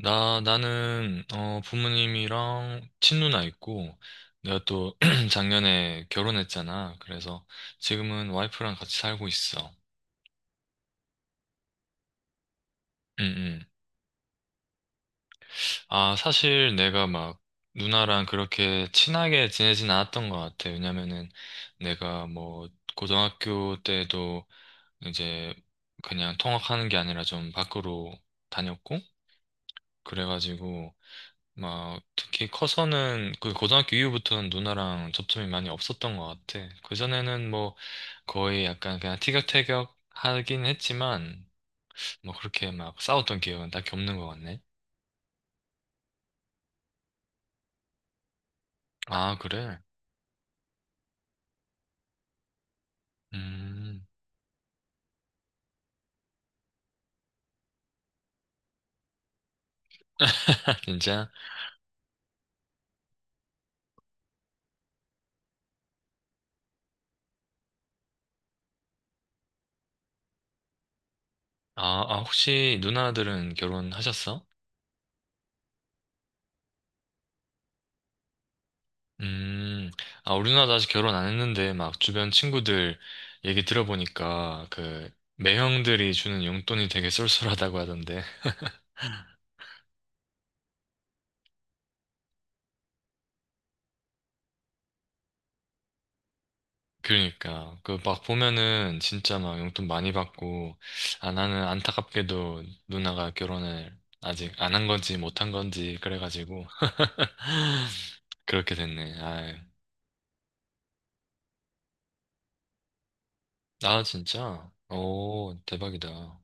나는, 부모님이랑 친누나 있고, 내가 또 작년에 결혼했잖아. 그래서 지금은 와이프랑 같이 살고 있어. 응, 응. 아, 사실 내가 막 누나랑 그렇게 친하게 지내진 않았던 것 같아. 왜냐면은 내가 뭐 고등학교 때도 이제 그냥 통학하는 게 아니라 좀 밖으로 다녔고, 그래가지고 막 특히 커서는 그 고등학교 이후부터는 누나랑 접점이 많이 없었던 것 같아. 그전에는 뭐 거의 약간 그냥 티격태격 하긴 했지만 뭐 그렇게 막 싸웠던 기억은 딱히 없는 것 같네. 아, 그래? 음. 진짜? 아, 아, 혹시 누나들은 결혼하셨어? 음. 아, 우리 누나도 아직 결혼 안 했는데 막 주변 친구들 얘기 들어보니까 그 매형들이 주는 용돈이 되게 쏠쏠하다고 하던데. 그러니까 그 막 보면은 진짜 막 용돈 많이 받고. 아, 나는 안타깝게도 누나가 결혼을 아직 안 한 건지 못 한 건지 그래가지고 그렇게 됐네. 아. 나 진짜 오 대박이다.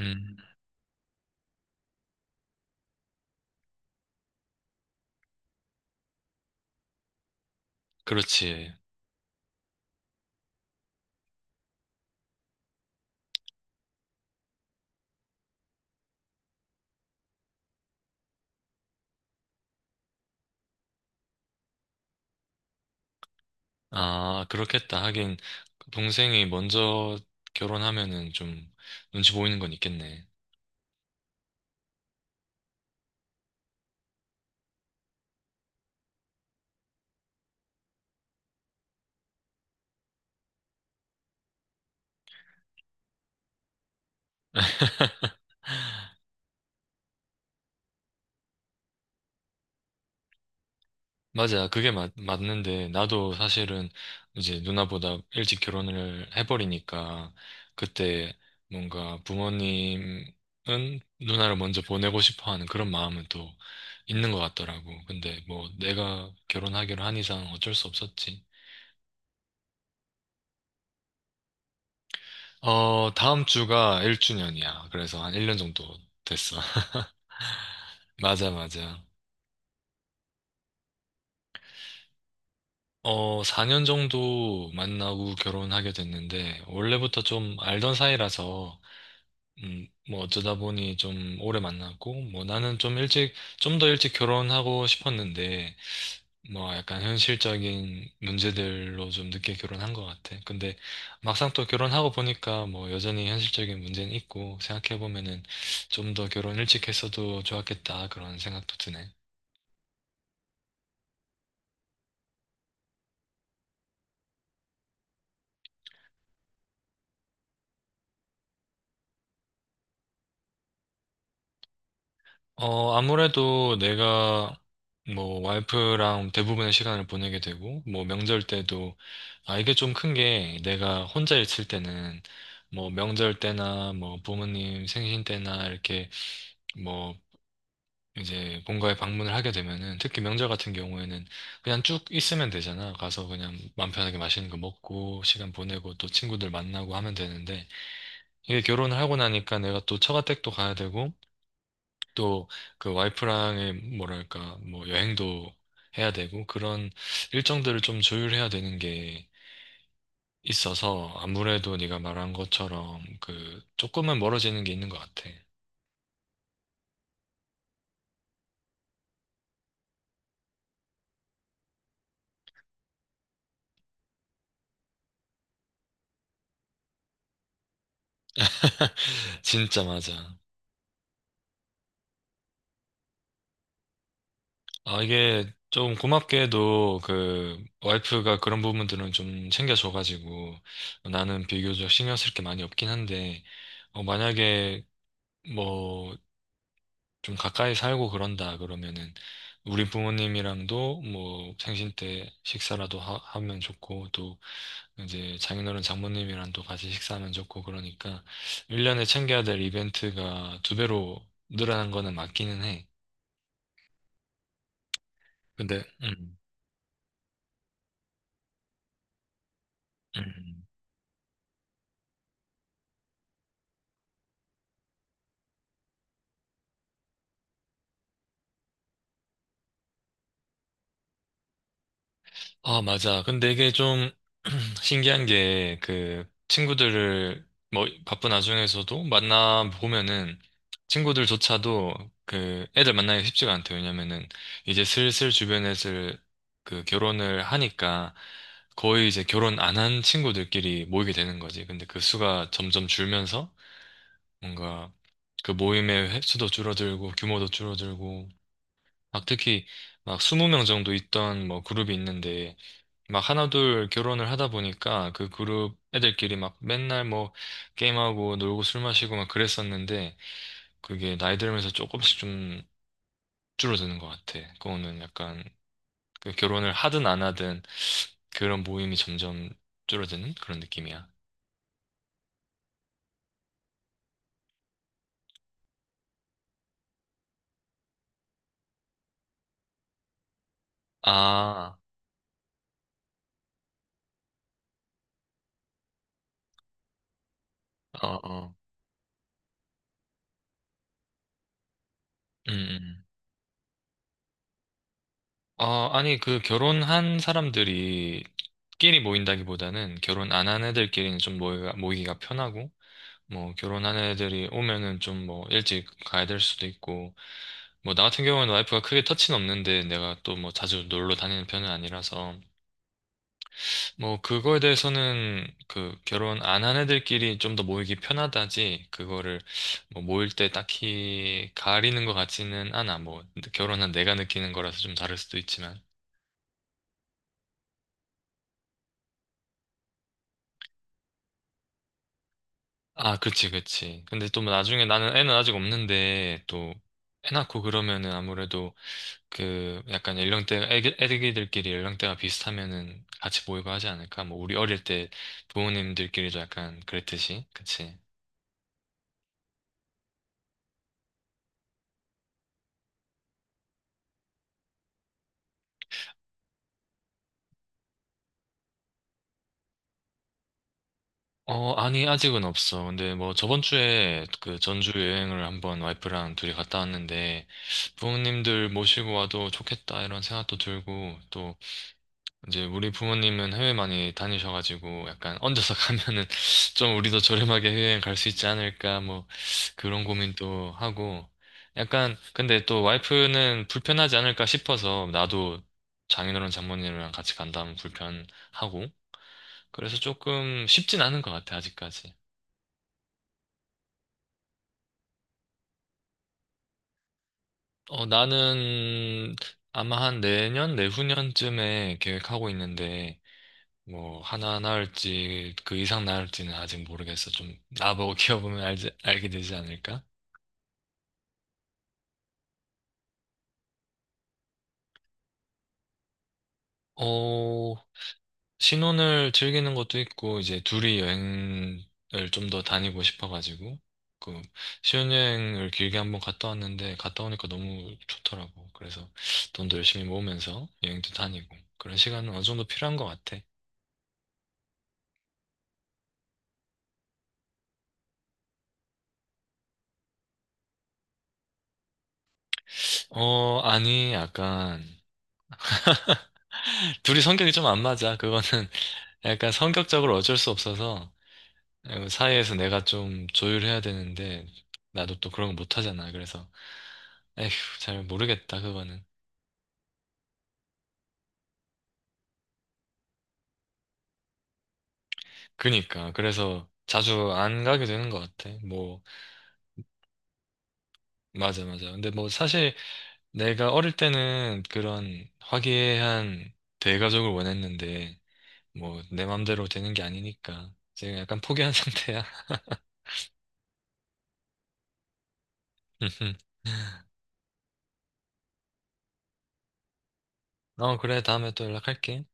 음. 그렇지. 아, 그렇겠다. 하긴 동생이 먼저 결혼하면은 좀 눈치 보이는 건 있겠네. 맞아. 그게 맞는데, 나도 사실은 이제 누나보다 일찍 결혼을 해버리니까, 그때 뭔가 부모님은 누나를 먼저 보내고 싶어 하는 그런 마음은 또 있는 것 같더라고. 근데 뭐 내가 결혼하기로 한 이상 어쩔 수 없었지. 다음 주가 1주년이야. 그래서 한 1년 정도 됐어. 맞아, 맞아. 4년 정도 만나고 결혼하게 됐는데, 원래부터 좀 알던 사이라서, 뭐 어쩌다 보니 좀 오래 만났고, 뭐 나는 좀 일찍, 좀 더 일찍 결혼하고 싶었는데, 뭐 약간 현실적인 문제들로 좀 늦게 결혼한 것 같아. 근데 막상 또 결혼하고 보니까 뭐 여전히 현실적인 문제는 있고, 생각해보면은 좀 더 결혼 일찍 했어도 좋았겠다, 그런 생각도 드네. 아무래도 내가 뭐 와이프랑 대부분의 시간을 보내게 되고, 뭐 명절 때도, 아, 이게 좀 큰 게 내가 혼자 있을 때는 뭐 명절 때나 뭐 부모님 생신 때나 이렇게 뭐 이제 본가에 방문을 하게 되면은 특히 명절 같은 경우에는 그냥 쭉 있으면 되잖아. 가서 그냥 맘 편하게 맛있는 거 먹고 시간 보내고 또 친구들 만나고 하면 되는데 이게 결혼을 하고 나니까 내가 또 처가댁도 가야 되고 또 그 와이프랑의 뭐랄까 뭐 여행도 해야 되고 그런 일정들을 좀 조율해야 되는 게 있어서 아무래도 네가 말한 것처럼 그 조금은 멀어지는 게 있는 것 같아. 진짜 맞아. 아, 이게 좀 고맙게도 그 와이프가 그런 부분들은 좀 챙겨줘가지고 나는 비교적 신경 쓸 게 많이 없긴 한데 만약에 뭐 좀 가까이 살고 그런다 그러면은 우리 부모님이랑도 뭐 생신 때 식사라도 하, 면 좋고 또 이제 장인어른 장모님이랑도 같이 식사하면 좋고 그러니까 1년에 챙겨야 될 이벤트가 두 배로 늘어난 거는 맞기는 해. 근데 음. 아, 맞아. 근데 이게 좀 신기한 게 그 친구들을 뭐 바쁜 와중에서도 만나 보면은 친구들조차도 그 애들 만나기가 쉽지가 않대요. 왜냐면은 이제 슬슬 주변에서 그 결혼을 하니까 거의 이제 결혼 안 한 친구들끼리 모이게 되는 거지. 근데 그 수가 점점 줄면서 뭔가 그 모임의 횟수도 줄어들고 규모도 줄어들고 막 특히 막 20명 정도 있던 뭐 그룹이 있는데 막 하나둘 결혼을 하다 보니까 그 그룹 애들끼리 막 맨날 뭐 게임하고 놀고 술 마시고 막 그랬었는데 그게 나이 들면서 조금씩 좀 줄어드는 것 같아. 그거는 약간 그 결혼을 하든 안 하든 그런 모임이 점점 줄어드는 그런 느낌이야. 아, 어, 어. 음, 음. 아니, 그 결혼한 사람들이 끼리 모인다기보다는 결혼 안 한 애들끼리는 좀 모이기가 편하고 뭐 결혼한 애들이 오면은 좀 뭐 일찍 가야 될 수도 있고 뭐 나 같은 경우는 와이프가 크게 터치는 없는데 내가 또 뭐 자주 놀러 다니는 편은 아니라서 뭐 그거에 대해서는 그 결혼 안 한 애들끼리 좀 더 모이기 편하다지 그거를 뭐 모일 때 딱히 가리는 것 같지는 않아. 뭐 결혼한 내가 느끼는 거라서 좀 다를 수도 있지만. 아, 그치, 그치, 근데 또뭐 나중에 나는 애는 아직 없는데 또 애 낳고 그러면은 아무래도 그 약간 연령대 애기들끼리 연령대가 비슷하면은 같이 모이고 하지 않을까? 뭐 우리 어릴 때 부모님들끼리도 약간 그랬듯이, 그치? 아니, 아직은 없어. 근데 뭐 저번 주에 그 전주 여행을 한번 와이프랑 둘이 갔다 왔는데 부모님들 모시고 와도 좋겠다 이런 생각도 들고 또 이제 우리 부모님은 해외 많이 다니셔가지고 약간 얹어서 가면은 좀 우리도 저렴하게 해외여행 갈 수 있지 않을까 뭐 그런 고민도 하고 약간 근데 또 와이프는 불편하지 않을까 싶어서 나도 장인어른 장모님이랑 같이 간다면 불편하고, 그래서 조금 쉽진 않은 것 같아 아직까지. 나는 아마 한 내년 내후년쯤에 계획하고 있는데 뭐 하나 나올지 그 이상 나올지는 아직 모르겠어. 좀 나보고 키워보면 알지, 알게 되지 않을까? 어, 신혼을 즐기는 것도 있고 이제 둘이 여행을 좀 더 다니고 싶어가지고 그 신혼여행을 길게 한번 갔다 왔는데 갔다 오니까 너무 좋더라고. 그래서 돈도 열심히 모으면서 여행도 다니고 그런 시간은 어느 정도 필요한 것 같아. 아니, 약간 둘이 성격이 좀 안 맞아. 그거는 약간 성격적으로 어쩔 수 없어서. 사회에서 내가 좀 조율해야 되는데 나도 또 그런 거 못하잖아. 그래서 에휴, 잘 모르겠다 그거는. 그니까 그래서 자주 안 가게 되는 것 같아. 뭐 맞아, 맞아. 근데 뭐 사실 내가 어릴 때는 그런 화기애애한 대가족을 원했는데 뭐 내 맘대로 되는 게 아니니까 지금 약간 포기한 상태야. 어, 그래, 다음에 또 연락할게.